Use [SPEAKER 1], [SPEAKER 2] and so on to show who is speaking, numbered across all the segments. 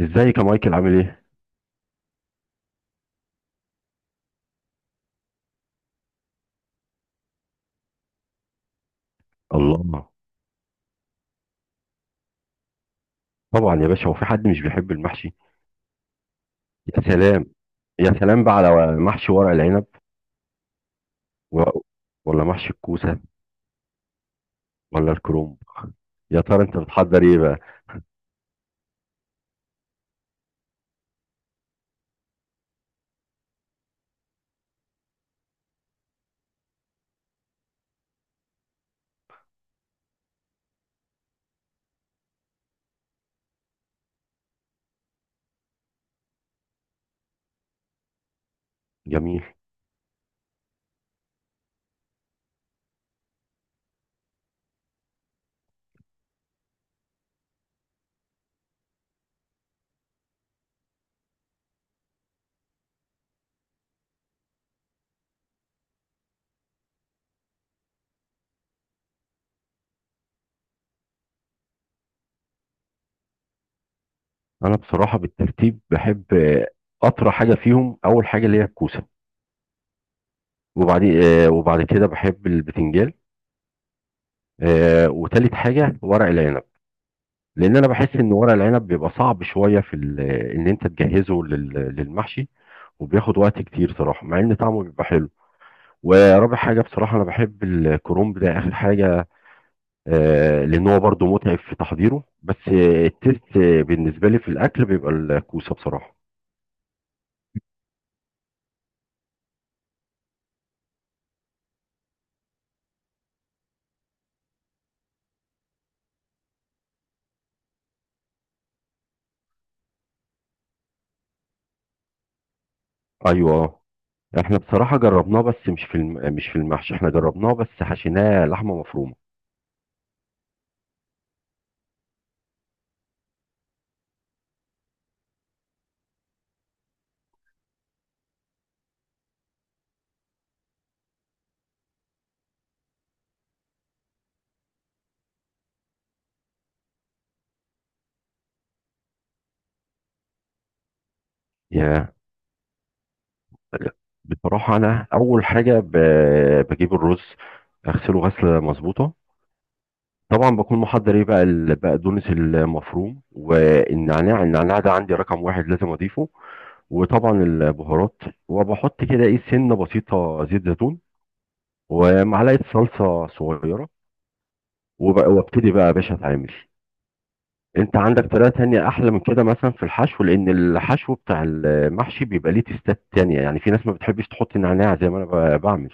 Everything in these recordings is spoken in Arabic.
[SPEAKER 1] ازيك يا مايكل عامل ايه؟ الله، طبعا يا باشا، هو في حد مش بيحب المحشي؟ يا سلام، يا سلام بقى على محشي ورق العنب و... ولا محشي الكوسه، ولا الكرنب. يا ترى انت بتحضر ايه بقى؟ جميل. انا بصراحه بالترتيب بحب، اطرى حاجه فيهم اول حاجه اللي هي الكوسه، وبعدين وبعد كده بحب البتنجان، وتالت حاجه ورق العنب، لان انا بحس ان ورق العنب بيبقى صعب شويه ان انت تجهزه للمحشي، وبياخد وقت كتير صراحه مع ان طعمه بيبقى حلو. ورابع حاجة بصراحة أنا بحب الكرومب ده آخر حاجة، لأن هو برضه متعب في تحضيره، بس التيست بالنسبة لي في الأكل بيبقى الكوسة بصراحة. أيوه، آه. إحنا بصراحة جربناه بس مش في المحشي، إحنا جربناه بس حشيناه لحمة مفرومة. يا، بصراحة أنا أول حاجة، بجيب الرز، أغسله غسلة مظبوطة، طبعا بكون محضر إيه بقى البقدونس المفروم والنعناع، ده عندي رقم واحد لازم أضيفه، وطبعا البهارات، وبحط كده ايه سنه بسيطه زيت زيتون، ومعلقه صلصه صغيره، وابتدي بقى يا باشا اتعامل. انت عندك طريقه تانية احلى من كده مثلا في الحشو؟ لان الحشو بتاع المحشي بيبقى ليه تيستات تانية، يعني في ناس ما بتحبش تحط نعناع زي ما انا بعمل.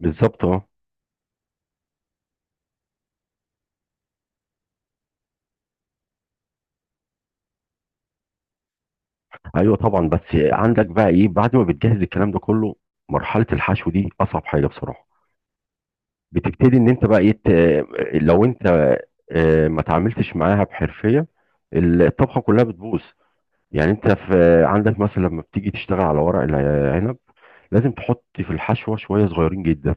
[SPEAKER 1] بالظبط، اه. ايوه طبعا، بس عندك بقى ايه بعد ما بتجهز الكلام ده كله؟ مرحله الحشو دي اصعب حاجه بصراحه، بتبتدي ان انت بقى لو انت ما تعاملتش معاها بحرفيه، الطبخه كلها بتبوظ. يعني انت في عندك مثلا لما بتيجي تشتغل على ورق العنب، لازم تحط في الحشوه شويه صغيرين جدا،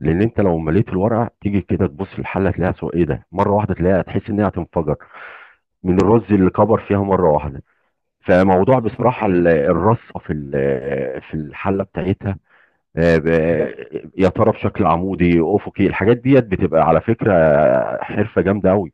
[SPEAKER 1] لان انت لو مليت الورقه تيجي كده تبص في الحله تلاقيها سو ايه ده مره واحده، تلاقيها تحس ان هي هتنفجر من الرز اللي كبر فيها مره واحده. فموضوع بصراحه الرصه في في الحله بتاعتها، يا ترى بشكل عمودي افقي، الحاجات ديت بتبقى على فكره حرفه جامده قوي.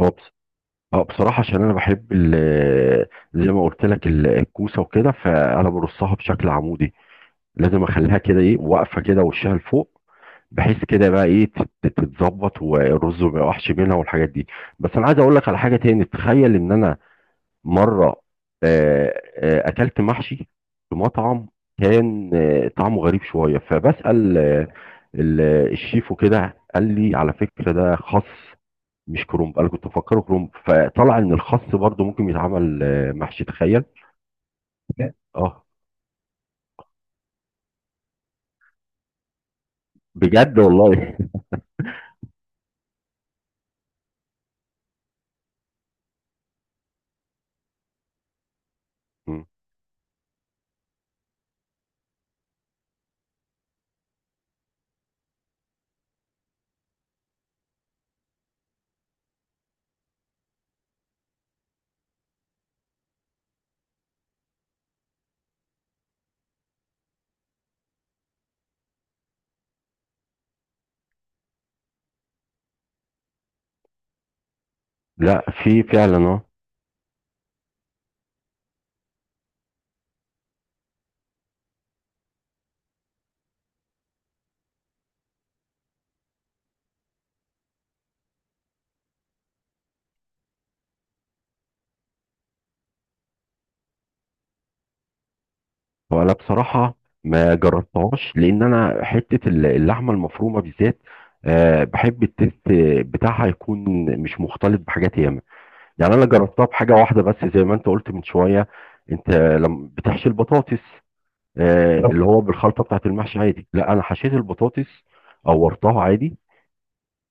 [SPEAKER 1] هو بص- بصراحه عشان انا بحب زي ما قلت لك الكوسه وكده، فانا برصها بشكل عمودي، لازم اخليها كده ايه واقفه كده وشها لفوق، بحيث كده بقى ايه تتظبط والرز ما يقعش منها والحاجات دي. بس انا عايز اقول لك على حاجه تاني، تخيل ان انا مرة أكلت محشي في مطعم، كان طعمه غريب شوية، فبسأل ال- الشيف وكده، قال لي على فكرة ده خس مش كرنب، أنا كنت مفكره كرنب، فطلع إن الخس برضو ممكن يتعمل محشي، تخيل. لا. اه بجد والله. مم. لا في فعلا اه. وانا بصراحه ما جربتهاش، لان انا حته اللحمه المفرومه بالذات، آه بحب التست بتاعها يكون مش مختلط بحاجات ياما، يعني انا جربتها بحاجه واحده بس زي ما انت قلت من شويه. انت لما بتحشي البطاطس طب اللي هو بالخلطه بتاعت المحشي عادي؟ لا انا حشيت البطاطس، قورتها عادي،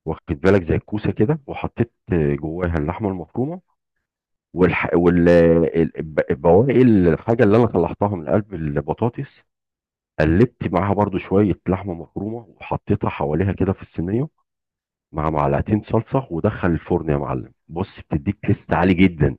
[SPEAKER 1] واخد بالك زي الكوسه كده، وحطيت جواها اللحمه المفرومه، والح... وال ال- الب- البواقي الحاجه اللي انا طلعتها من قلب البطاطس، قلبت معاها برضو شويه لحمه مفرومه، وحطيتها حواليها كده في الصينيه مع معلقتين صلصه، ودخل الفرن يا معلم، بص بتديك تيست عالي جدا.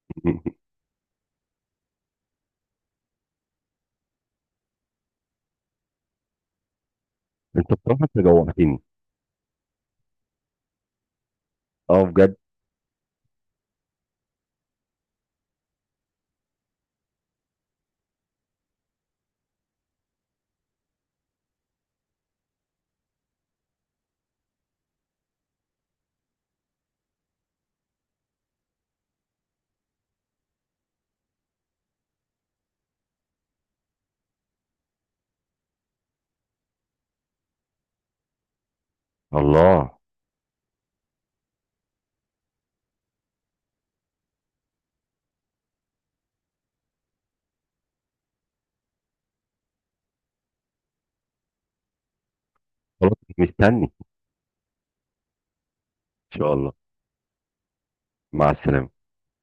[SPEAKER 1] انت بصراحه انت جوعتني. اه بجد. الله. خلاص، مستني. ان شاء الله. مع السلامة.